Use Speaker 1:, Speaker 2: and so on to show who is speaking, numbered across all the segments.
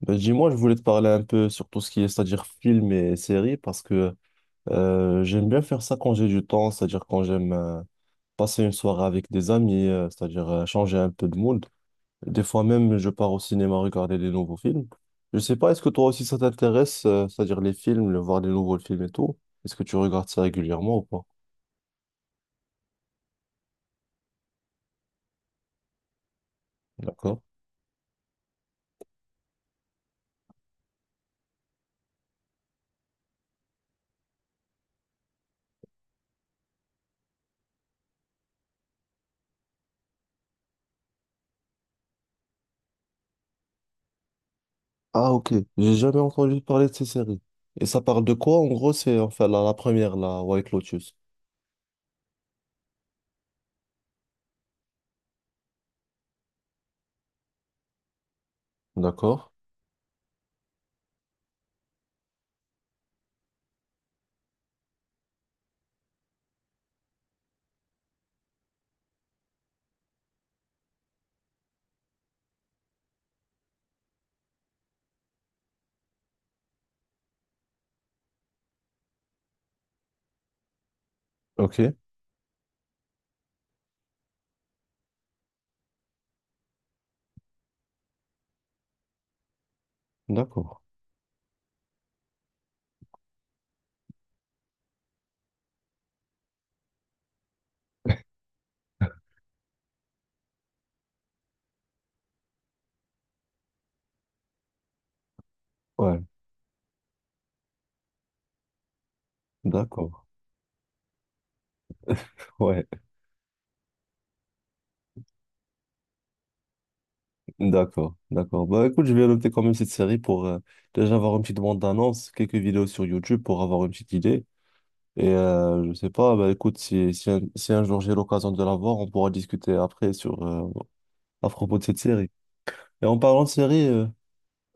Speaker 1: Ben, dis-moi, je voulais te parler un peu sur tout ce qui est, c'est-à-dire film et séries, parce que j'aime bien faire ça quand j'ai du temps, c'est-à-dire quand j'aime passer une soirée avec des amis, c'est-à-dire changer un peu de mood. Des fois même, je pars au cinéma regarder des nouveaux films. Je sais pas, est-ce que toi aussi ça t'intéresse, c'est-à-dire les films, le voir des nouveaux films et tout? Est-ce que tu regardes ça régulièrement ou pas? D'accord. Ah, ok. J'ai jamais entendu parler de ces séries. Et ça parle de quoi? En gros, c'est enfin la première, la White Lotus. D'accord. Ok. D'accord. Ouais, d'accord. Ouais, d'accord, d'accord. Bah écoute, je vais noter quand même cette série pour déjà avoir une petite bande d'annonce, quelques vidéos sur YouTube pour avoir une petite idée. Et je sais pas, bah écoute, si un jour j'ai l'occasion de la voir, on pourra discuter après sur à propos de cette série. Et en parlant de série,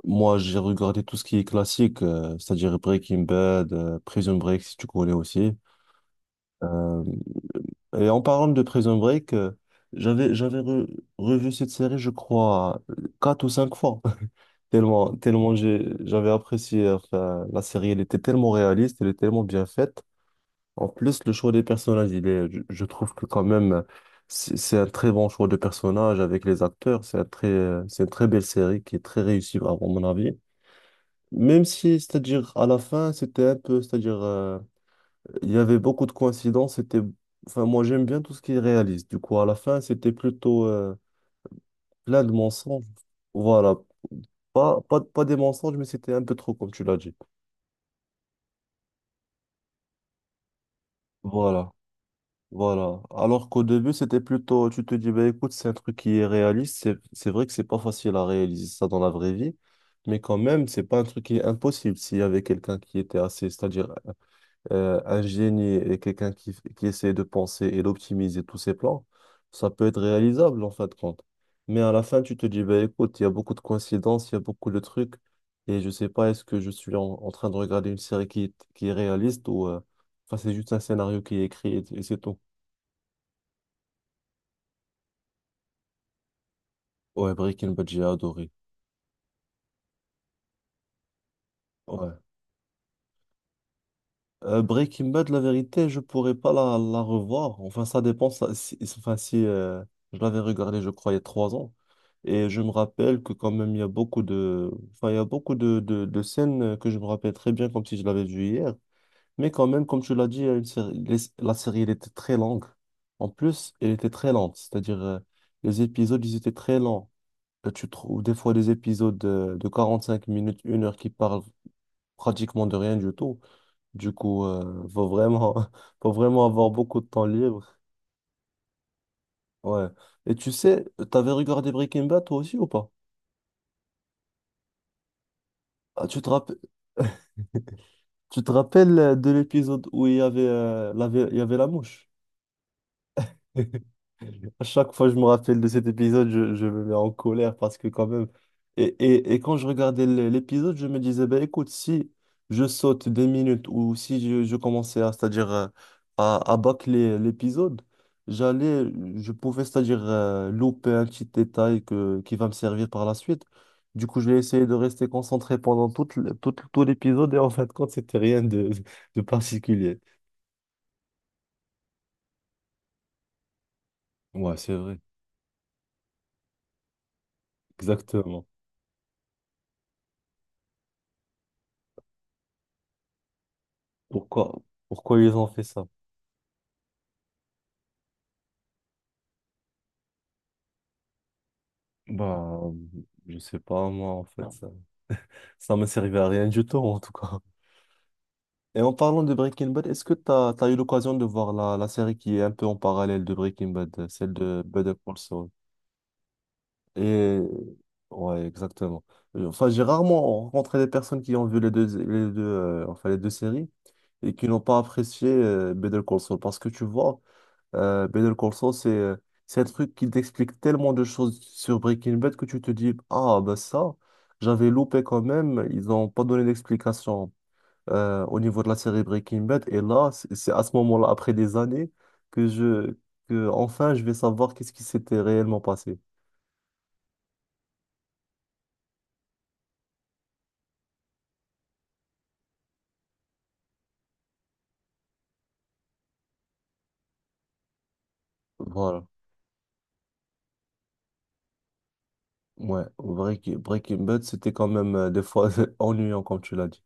Speaker 1: moi j'ai regardé tout ce qui est classique, c'est-à-dire Breaking Bad, Prison Break si tu connais aussi. Euh, et en parlant de Prison Break, j'avais j'avais re- revu cette série, je crois, quatre ou cinq fois. Tellement, tellement j'avais apprécié enfin, la série, elle était tellement réaliste, elle est tellement bien faite. En plus, le choix des personnages, il est, je trouve que quand même, c'est un très bon choix de personnages avec les acteurs. C'est une très belle série qui est très réussie, à mon avis. Même si, c'est-à-dire, à la fin, c'était un peu, c'est-à-dire, il y avait beaucoup de coïncidences. C'était, enfin, moi, j'aime bien tout ce qui est réaliste. Du coup, à la fin, c'était plutôt plein de mensonges. Voilà, pas, pas, pas des mensonges, mais c'était un peu trop, comme tu l'as dit. Voilà, voilà. Alors qu'au début, c'était plutôt, tu te dis, bah, écoute, c'est un truc qui est réaliste. C'est vrai que c'est pas facile à réaliser ça dans la vraie vie, mais quand même, c'est pas un truc qui est impossible. S'il y avait quelqu'un qui était assez, c'est-à-dire un génie et quelqu'un qui essaie de penser et d'optimiser tous ses plans, ça peut être réalisable en fin de compte. Mais à la fin, tu te dis, bah, écoute, il y a beaucoup de coïncidences, il y a beaucoup de trucs, et je sais pas, est-ce que je suis en train de regarder une série qui est réaliste ou enfin, c'est juste un scénario qui est écrit et c'est tout. Ouais, Breaking Bad, j'ai adoré. Ouais. Breaking Bad, la vérité, je pourrais pas la revoir. Enfin, ça dépend. Ça- si, si, Enfin, si je l'avais regardé, je crois, il y a 3 ans. Et je me rappelle que quand même, il y a beaucoup de, enfin, il y a beaucoup de scènes que je me rappelle très bien, comme si je l'avais vu hier. Mais quand même, comme tu l'as dit, il y a la série, elle était très longue. En plus, elle était très lente. C'est-à-dire, les épisodes, ils étaient très lents. Tu trouves des fois des épisodes de 45 minutes, 1 heure qui parlent pratiquement de rien du tout. Du coup, faut vraiment, faut vraiment avoir beaucoup de temps libre. Ouais. Et tu sais, t'avais regardé Breaking Bad toi aussi ou pas? Ah, tu te rappelles de l'épisode où il y avait, il y avait la mouche? À chaque fois que je me rappelle de cet épisode, je me mets en colère parce que quand même. Et quand je regardais l'épisode, je me disais, ben écoute, si je saute des minutes ou si je commençais à, c'est-à-dire, à bâcler l'épisode, j'allais, je pouvais, c'est-à-dire, louper un petit détail que, qui va me servir par la suite. Du coup, j'ai essayé de rester concentré pendant tout l'épisode et en fin de compte, c'était rien de particulier. Ouais, c'est vrai. Exactement. Pourquoi, pourquoi ils ont fait ça? Bah, je sais pas, moi, en fait, ça me servait à rien du tout, en tout cas. Et en parlant de Breaking Bad, est-ce que tu as, eu l'occasion de voir la série qui est un peu en parallèle de Breaking Bad, celle de Better Call Saul? Et, ouais, exactement. Enfin, j'ai rarement rencontré des personnes qui ont vu les deux, enfin, les deux séries et qui n'ont pas apprécié Better Call Saul parce que tu vois. Better Call Saul, c'est un truc qui t'explique tellement de choses sur Breaking Bad que tu te dis, ah, ben ça, j'avais loupé quand même, ils n'ont pas donné d'explication au niveau de la série Breaking Bad. Et là, c'est à ce moment-là, après des années, que je, que enfin, je vais savoir qu'est-ce qui s'était réellement passé. Voilà. Ouais, Breaking Bad, c'était quand même des fois ennuyant, comme tu l'as dit.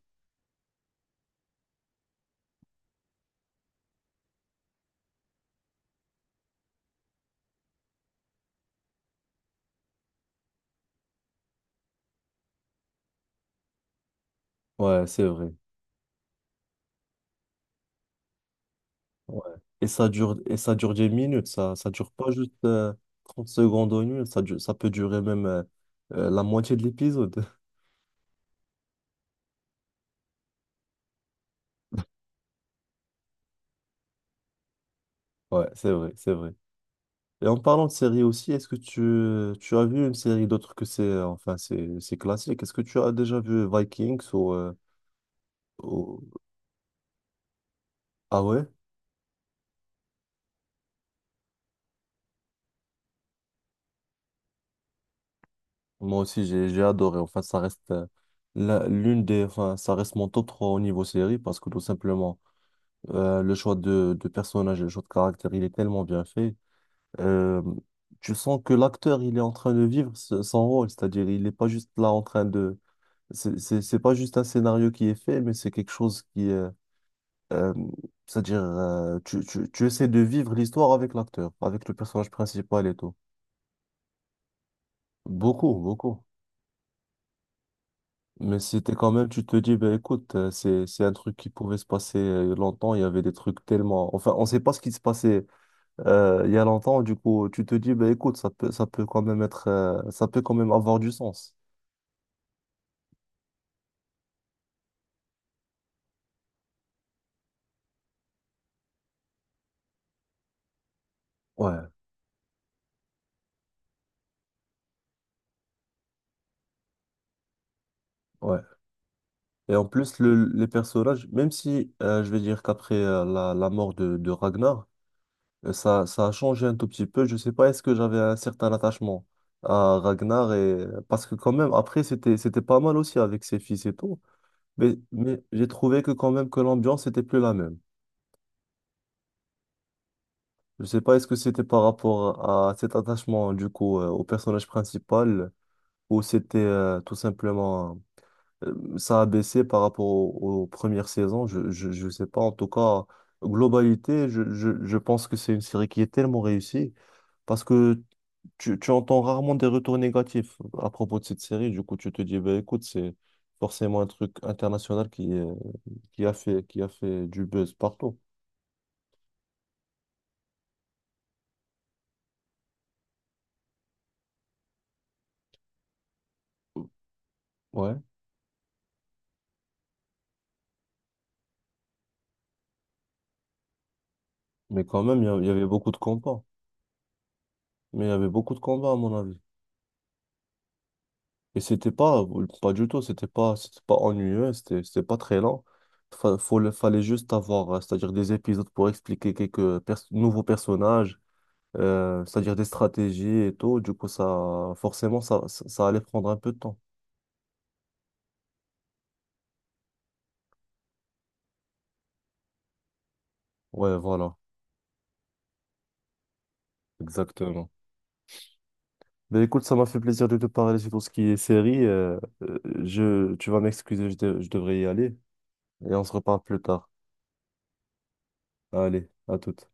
Speaker 1: Ouais, c'est vrai. Ouais. Et ça dure 10 minutes, ça dure pas juste 30 secondes ou 1 minute, ça peut durer même la moitié de l'épisode. Ouais, c'est vrai, c'est vrai. Et en parlant de séries aussi, est-ce que tu as vu une série d'autre que enfin, c'est classique? Est-ce que tu as déjà vu Vikings? Ou- Ah ouais? Moi aussi, j'ai adoré. Enfin, ça reste l'une des, enfin, ça reste mon top 3 au niveau série parce que tout simplement, le choix de personnages et le choix de caractère, il est tellement bien fait. euh, Tu sens que l'acteur, il est en train de vivre son rôle, c'est-à-dire il n'est pas juste là en train de. C'est pas juste un scénario qui est fait, mais c'est quelque chose qui. Euh, C'est-à-dire, tu essaies de vivre l'histoire avec l'acteur, avec le personnage principal et tout. Beaucoup, beaucoup. Mais c'était quand même, tu te dis, ben écoute, c'est un truc qui pouvait se passer longtemps, il y avait des trucs tellement. Enfin, on ne sait pas ce qui se passait il y a longtemps, du coup, tu te dis, ben écoute, ça peut quand même être. Ça peut quand même avoir du sens. Ouais, ouais. Et en plus, les personnages, même si je vais dire qu'après la mort de Ragnar, ça, ça a changé un tout petit peu. Je sais pas, est-ce que j'avais un certain attachement à Ragnar et. Parce que quand même, après, c'était pas mal aussi avec ses fils et tout. Mais j'ai trouvé que quand même que l'ambiance était plus la même. Je sais pas, est-ce que c'était par rapport à cet attachement du coup au personnage principal ou c'était tout simplement ça a baissé par rapport aux, premières saisons. Je sais pas. En tout cas, globalité, je pense que c'est une série qui est tellement réussie parce que tu entends rarement des retours négatifs à propos de cette série. Du coup, tu te dis, bah, écoute, c'est forcément un truc international qui, qui a fait du buzz partout. Ouais. Mais quand même, il y avait beaucoup de combats. Mais il y avait beaucoup de combats, à mon avis. Et c'était pas, pas du tout, c'était pas ennuyeux, c'était pas très lent. Fallait juste avoir, c'est-à-dire des épisodes pour expliquer quelques nouveaux personnages, c'est-à-dire des stratégies et tout. Du coup, ça, forcément, ça allait prendre un peu de temps. Ouais, voilà, exactement. Mais écoute, ça m'a fait plaisir de te parler sur tout ce qui est série. Euh, tu vas m'excuser, je devrais y aller. Et on se reparle plus tard. Allez, à toute.